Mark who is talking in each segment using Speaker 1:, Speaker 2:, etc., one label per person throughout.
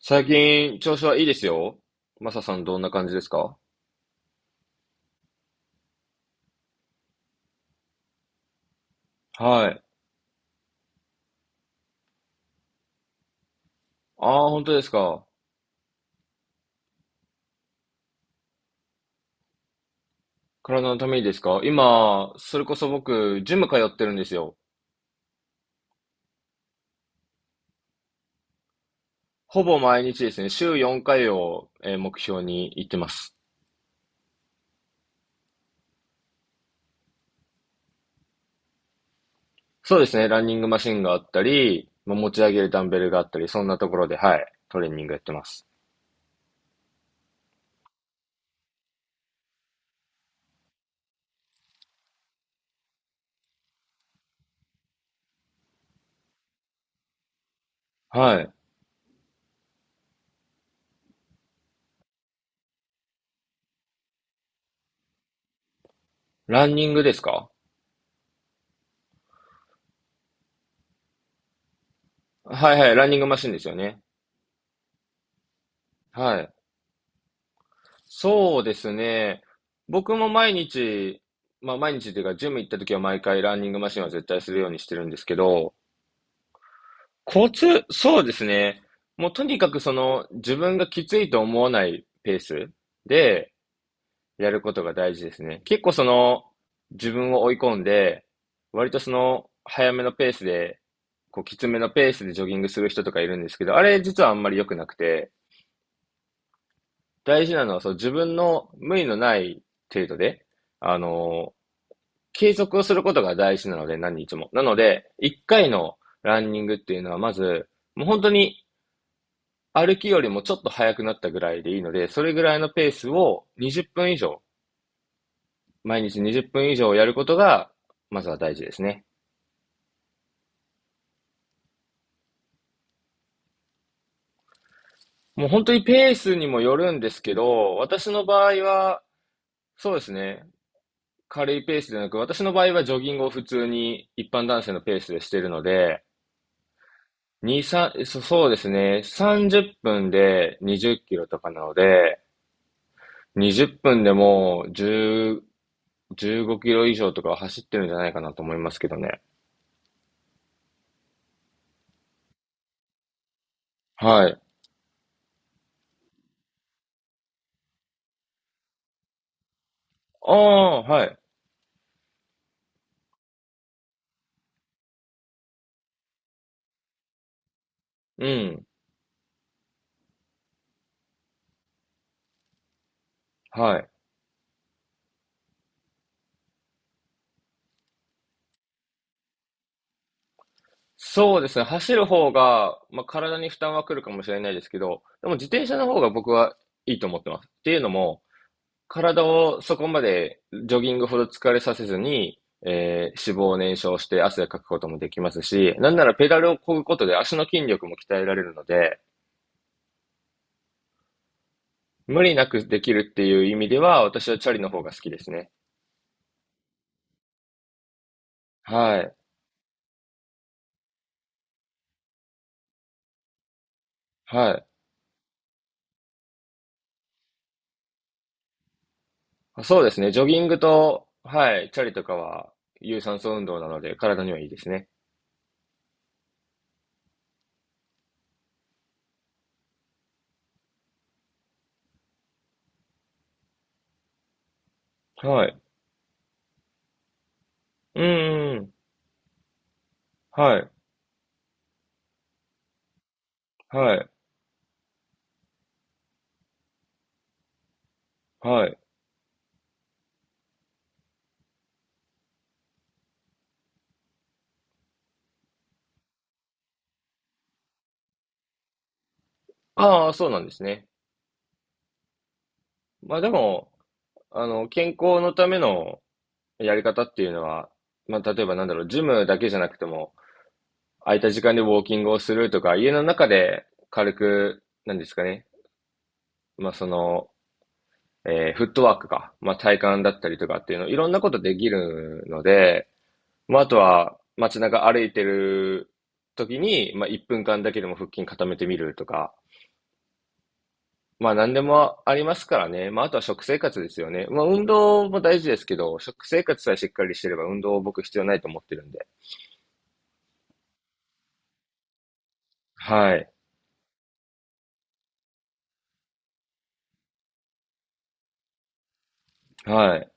Speaker 1: 最近、調子はいいですよ。マサさんどんな感じですか？はい。ああ、本当ですか。体のためにですか？今、それこそ僕、ジム通ってるんですよ。ほぼ毎日ですね、週4回を、目標に行ってます。そうですね、ランニングマシンがあったり、まあ持ち上げるダンベルがあったり、そんなところで、はい、トレーニングやってます。はい。ランニングですか？はいはい、ランニングマシンですよね。はい。そうですね。僕も毎日、まあ毎日というか、ジム行った時は毎回ランニングマシンは絶対するようにしてるんですけど、コツ、そうですね。もうとにかくその自分がきついと思わないペースでやることが大事ですね。結構その自分を追い込んで、割とその早めのペースで、こうきつめのペースでジョギングする人とかいるんですけど、あれ実はあんまり良くなくて、大事なのはそう自分の無理のない程度で、あの継続をすることが大事なので、何日も。なので、1回のランニングっていうのは、まず、もう本当に歩きよりもちょっと速くなったぐらいでいいので、それぐらいのペースを20分以上、毎日20分以上やることが、まずは大事ですね。もう本当にペースにもよるんですけど、私の場合は、そうですね、軽いペースでなく、私の場合はジョギングを普通に一般男性のペースでしてるので、2、3、そうですね、30分で20キロとかなので、20分でもじゅう10、15キロ以上とか走ってるんじゃないかなと思いますけどね。はい。ああ、はい。うん。はい。そうですね。走る方が、まあ、体に負担は来るかもしれないですけど、でも自転車の方が僕はいいと思ってます。っていうのも、体をそこまでジョギングほど疲れさせずに、脂肪を燃焼して汗をかくこともできますし、なんならペダルを漕ぐことで足の筋力も鍛えられるので、無理なくできるっていう意味では、私はチャリの方が好きですね。はい。はい。あそうですね。ジョギングと、はい、チャリとかは、有酸素運動なので、体にはいいですね。はい。うんうんうん。はい。はい。はい。ああ、そうなんですね。まあでも、健康のためのやり方っていうのは、まあ例えばなんだろう、ジムだけじゃなくても、空いた時間でウォーキングをするとか、家の中で軽く、なんですかね。まあその、フットワークか、まあ、体幹だったりとかっていうの、いろんなことできるので、まあ、あとは街中歩いてる時に、まあ、1分間だけでも腹筋固めてみるとか、まあ、何でもありますからね。まあ、あとは食生活ですよね。まあ、運動も大事ですけど、食生活さえしっかりしてれば運動僕必要ないと思ってるんで。はい。はい。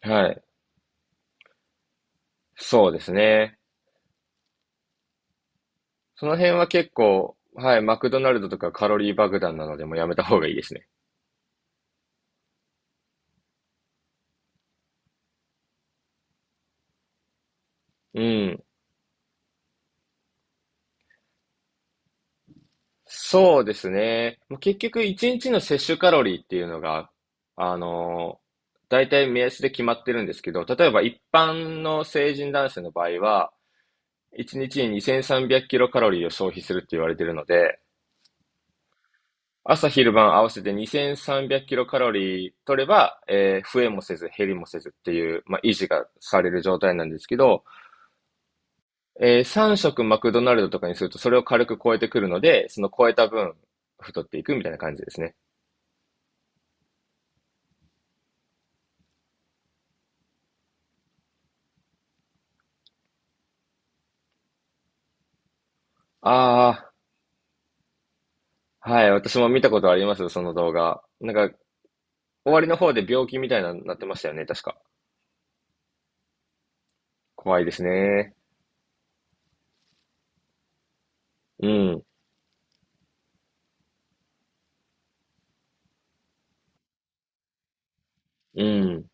Speaker 1: はい。そうですね。その辺は結構、はい、マクドナルドとかカロリー爆弾なのでもうやめた方がいいですね。うん。そうですね。もう結局、一日の摂取カロリーっていうのが、あの、大体目安で決まってるんですけど、例えば一般の成人男性の場合は、一日に2300キロカロリーを消費するって言われてるので、朝昼晩合わせて2300キロカロリー取れば、増えもせず減りもせずっていう、まあ、維持がされる状態なんですけど、3食マクドナルドとかにするとそれを軽く超えてくるので、その超えた分太っていくみたいな感じですね。ああ、はい、私も見たことありますよ、その動画。なんか、終わりの方で病気みたいなのになってましたよね、確か。怖いですね。うん、うん。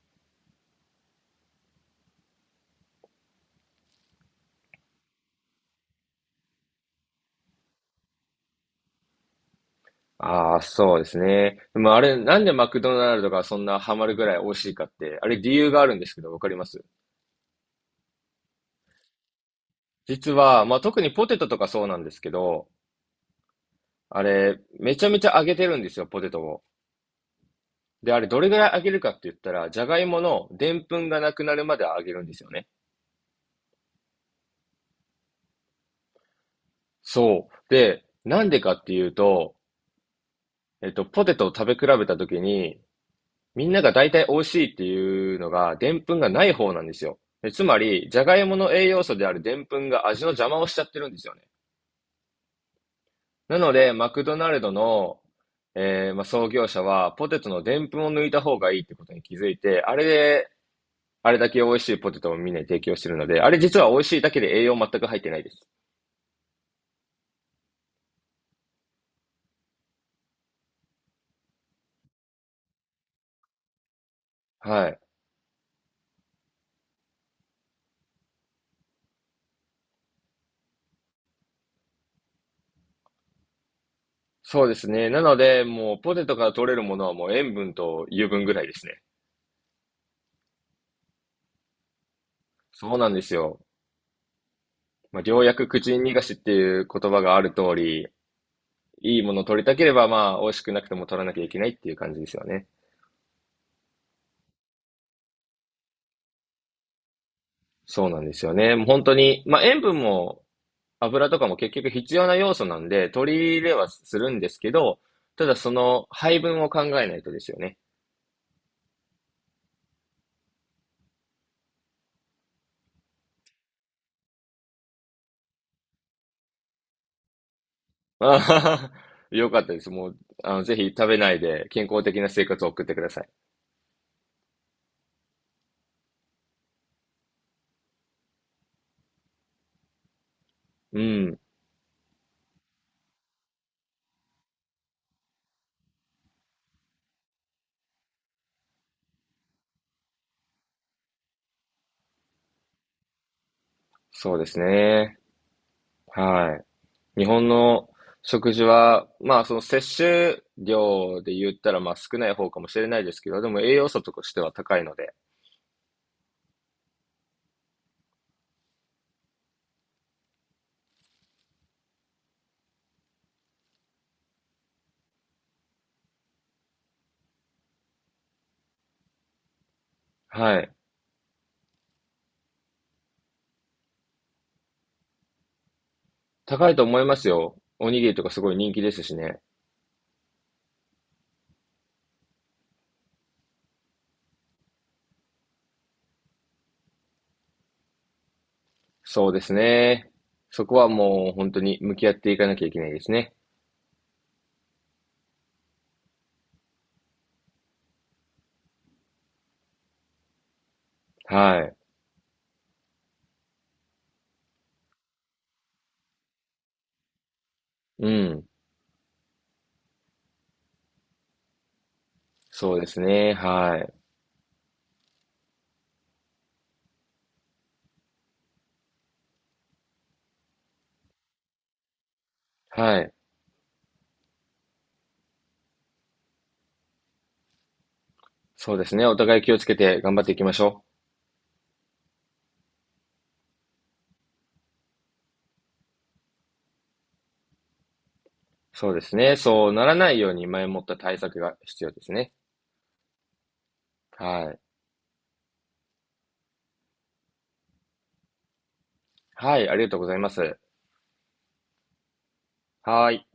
Speaker 1: ああ、そうですね。でもあれ、なんでマクドナルドがそんなハマるぐらい美味しいかって、あれ理由があるんですけど、わかります？実は、まあ、特にポテトとかそうなんですけど、あれ、めちゃめちゃ揚げてるんですよ、ポテトを。で、あれ、どれぐらい揚げるかって言ったら、じゃがいものでんぷんがなくなるまで揚げるんですよね。そう。で、なんでかっていうと、えっと、ポテトを食べ比べたときに、みんなが大体美味しいっていうのが、でんぷんがない方なんですよ。つまり、じゃがいもの栄養素であるでんぷんが味の邪魔をしちゃってるんですよね。なので、マクドナルドの、まあ、創業者は、ポテトのでんぷんを抜いた方がいいってことに気づいて、あれで、あれだけ美味しいポテトをみんなに提供してるので、あれ実は美味しいだけで栄養全く入ってないです。はい。そうですね。なので、もうポテトから取れるものはもう塩分と油分ぐらいですね。そうなんですよ。まあ、良薬苦尽逃がしっていう言葉がある通り、いいものを取りたければ、まあ、美味しくなくても取らなきゃいけないっていう感じですよね。そうなんですよね。もう本当に、まあ、塩分も油とかも結局必要な要素なんで、取り入れはするんですけど、ただその配分を考えないとですよね。あはは。よかったです。もう、ぜひ食べないで健康的な生活を送ってください。うん。そうですね。はい。日本の食事は、まあ、その摂取量で言ったら、まあ、少ない方かもしれないですけど、でも栄養素としては高いので、はい。高いと思いますよ。おにぎりとかすごい人気ですしね。そうですね。そこはもう本当に向き合っていかなきゃいけないですね。はい。うん。そうですね。はい。はい。そうですね。お互い気をつけて頑張っていきましょう。そうですね。そうならないように前もった対策が必要ですね。はい。はい。ありがとうございます。はい。